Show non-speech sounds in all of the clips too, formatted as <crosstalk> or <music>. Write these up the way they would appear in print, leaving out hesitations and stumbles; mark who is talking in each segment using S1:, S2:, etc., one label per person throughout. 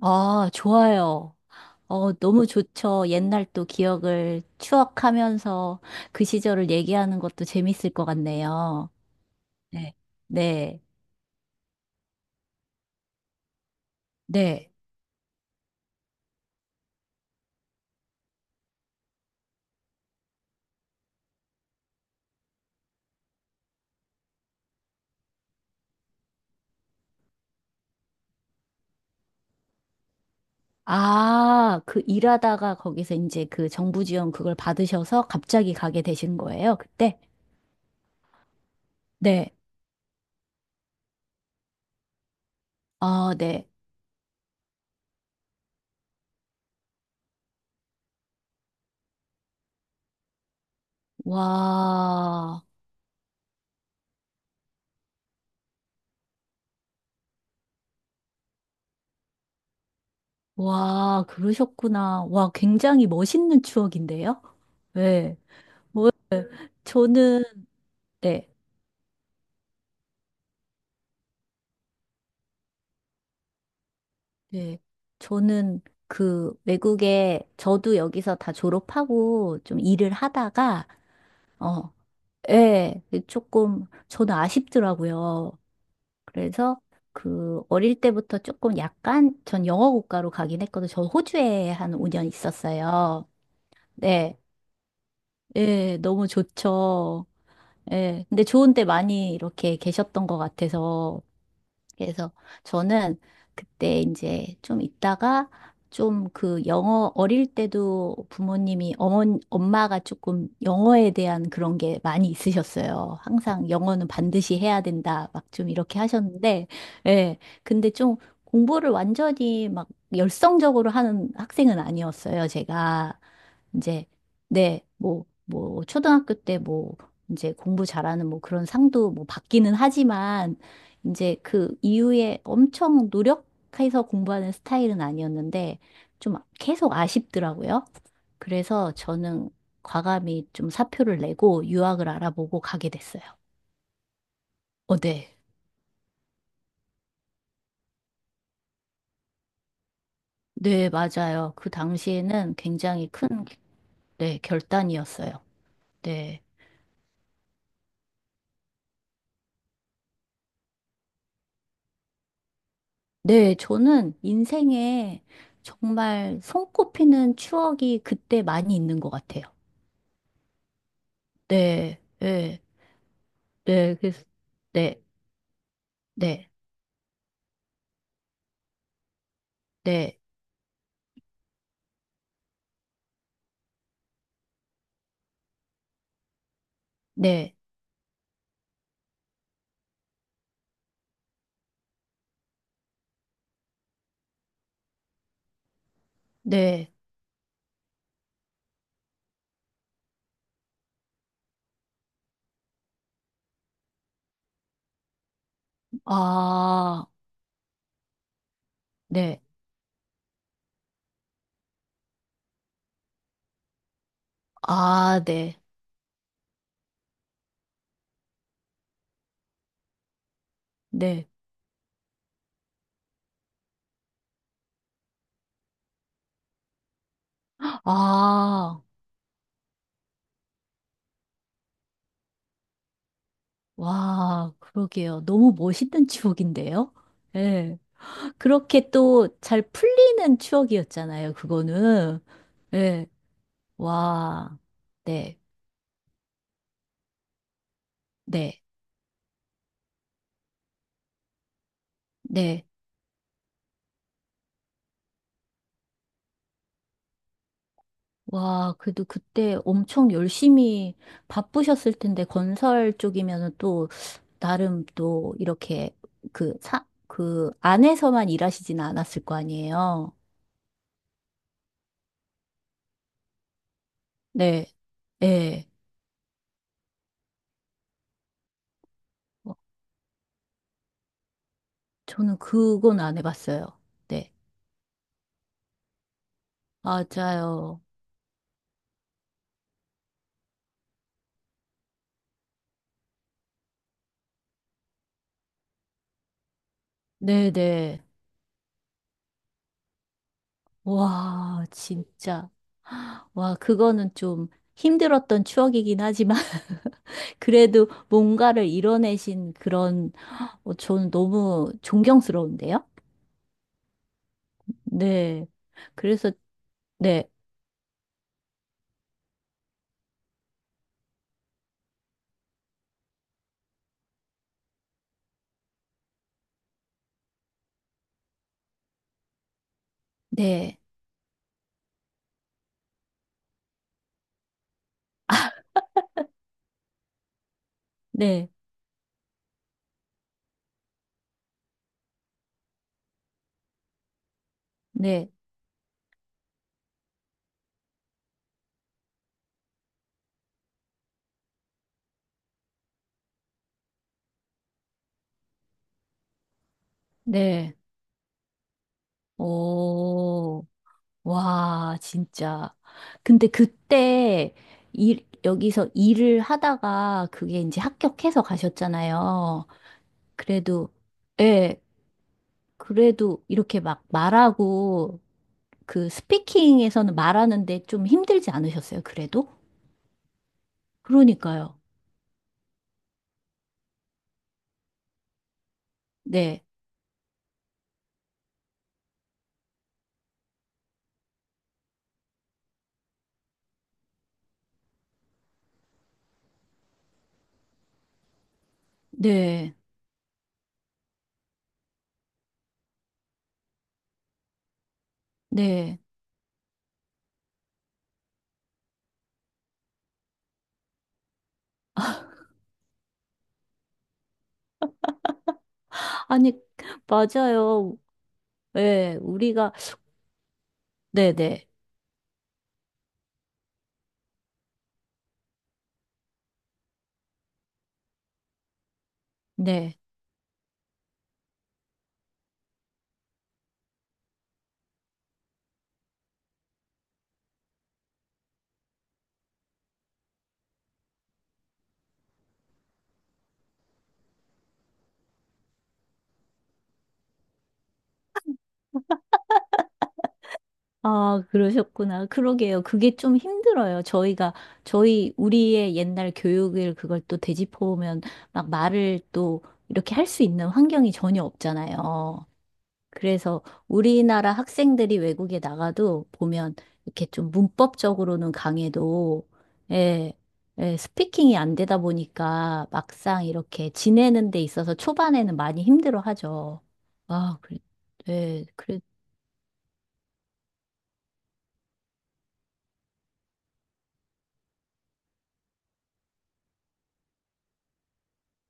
S1: 아, 좋아요. 어, 너무 좋죠. 옛날 또 기억을 추억하면서 그 시절을 얘기하는 것도 재밌을 것 같네요. 네. 네. 네. 아, 그 일하다가 거기서 이제 그 정부 지원 그걸 받으셔서 갑자기 가게 되신 거예요, 그때? 네. 아, 네. 와, 와, 그러셨구나. 와, 굉장히 멋있는 추억인데요? 네. 네. 저는, 네. 네, 저는 그 외국에 저도 여기서 다 졸업하고 좀 일을 하다가 어, 예, 네, 조금 저는 아쉽더라고요. 그래서 그 어릴 때부터 조금 약간 전 영어 국가로 가긴 했거든요. 저 호주에 한 5년 있었어요. 네, 예, 너무 좋죠. 예, 근데 좋은 데 많이 이렇게 계셨던 것 같아서 그래서 저는 그때 이제 좀 있다가 좀 그 영어 어릴 때도 부모님이 어머 엄마가 조금 영어에 대한 그런 게 많이 있으셨어요. 항상 영어는 반드시 해야 된다 막 좀 이렇게 하셨는데 예. 근데 좀 공부를 완전히 막 열성적으로 하는 학생은 아니었어요, 제가. 이제 네, 뭐, 초등학교 때 뭐, 이제 공부 잘하는 뭐 그런 상도 뭐 받기는 하지만, 이제 그 이후에 엄청 노력해서 공부하는 스타일은 아니었는데 좀 계속 아쉽더라고요. 그래서 저는 과감히 좀 사표를 내고 유학을 알아보고 가게 됐어요. 어, 네. 네, 맞아요. 그 당시에는 굉장히 큰, 네, 결단이었어요. 네. 네, 저는 인생에 정말 손꼽히는 추억이 그때 많이 있는 것 같아요. 네, 네, 네, 그래서, 네, 네, 네, 네. 네. 아, 네. 아, 네. 네. 아, 와, 그러게요. 너무 멋있는 추억인데요? 예. 그렇게 또 잘 풀리는 추억이었잖아요, 그거는. 예. 와, 네. 네. 네. 와, 그래도 그때 엄청 열심히 바쁘셨을 텐데, 건설 쪽이면은 또, 나름 또 이렇게 그 안에서만 일하시진 않았을 거 아니에요. 네, 예. 어, 저는 그건 안 해봤어요. 네, 맞아요. 네네. 와, 진짜. 와, 그거는 좀 힘들었던 추억이긴 하지만, <laughs> 그래도 뭔가를 이뤄내신 그런, 어, 저는 너무 존경스러운데요? 네. 그래서, 네, 네, 네, 네, 네. 오. 와, 진짜. 근데 그때 여기서 일을 하다가 그게 이제 합격해서 가셨잖아요. 그래도, 예, 그래도 이렇게 막 말하고 그 스피킹에서는 말하는데 좀 힘들지 않으셨어요, 그래도? 그러니까요. 네, 네, 네. 아니, <laughs> 맞아요. 예, 우리가, 네네, 네. 네, 네. 아, 그러셨구나. 그러게요. 그게 좀 힘들어요. 저희, 우리의 옛날 교육을 그걸 또 되짚어보면 막 말을 또 이렇게 할 수 있는 환경이 전혀 없잖아요. 그래서 우리나라 학생들이 외국에 나가도 보면 이렇게 좀 문법적으로는 강해도, 예, 예, 스피킹이 안 되다 보니까 막상 이렇게 지내는 데 있어서 초반에는 많이 힘들어 하죠. 아, 그래, 네, 그래,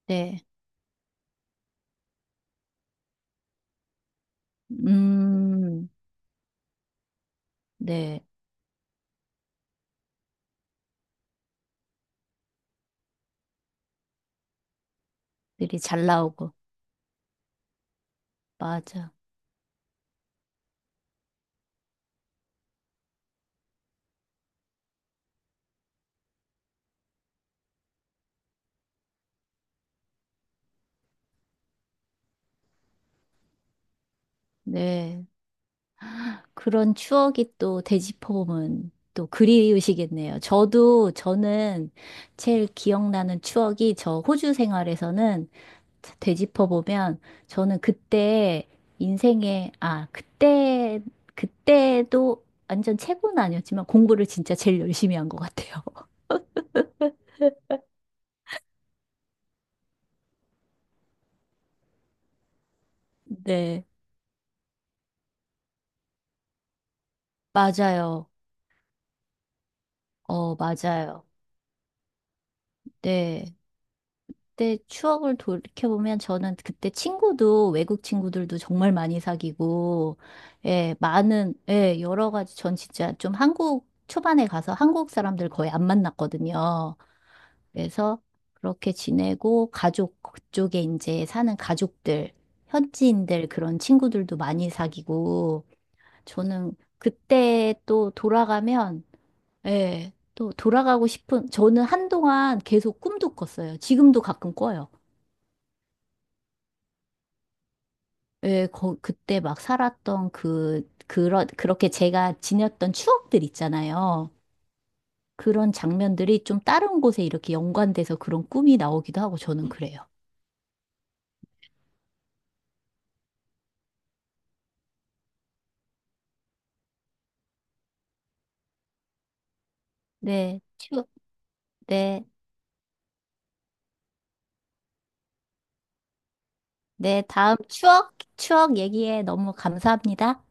S1: 네. 음. 네. 들이 잘 나오고. 맞아. 네. 그런 추억이 또 되짚어보면 또 그리우시겠네요. 저도, 저는 제일 기억나는 추억이 저 호주 생활에서는 되짚어보면 저는 그때 인생에, 아, 그때, 그때도 완전 최고는 아니었지만 공부를 진짜 제일 열심히 한 것 같아요. <laughs> 네. 맞아요. 어, 맞아요. 네. 그때 추억을 돌이켜보면 저는 그때 친구도 외국 친구들도 정말 많이 사귀고, 예, 많은, 예, 여러 가지 전 진짜 좀 한국 초반에 가서 한국 사람들 거의 안 만났거든요. 그래서 그렇게 지내고 가족 그쪽에 이제 사는 가족들, 현지인들 그런 친구들도 많이 사귀고, 저는 그때 또 돌아가면, 예, 또 돌아가고 싶은, 저는 한동안 계속 꿈도 꿨어요. 지금도 가끔 꿔요. 예, 거, 그때 막 살았던 그, 그런, 그렇게 제가 지녔던 추억들 있잖아요. 그런 장면들이 좀 다른 곳에 이렇게 연관돼서 그런 꿈이 나오기도 하고 저는 그래요. 네, 네, 네, 다음 추억, 추억 얘기에 너무 감사합니다.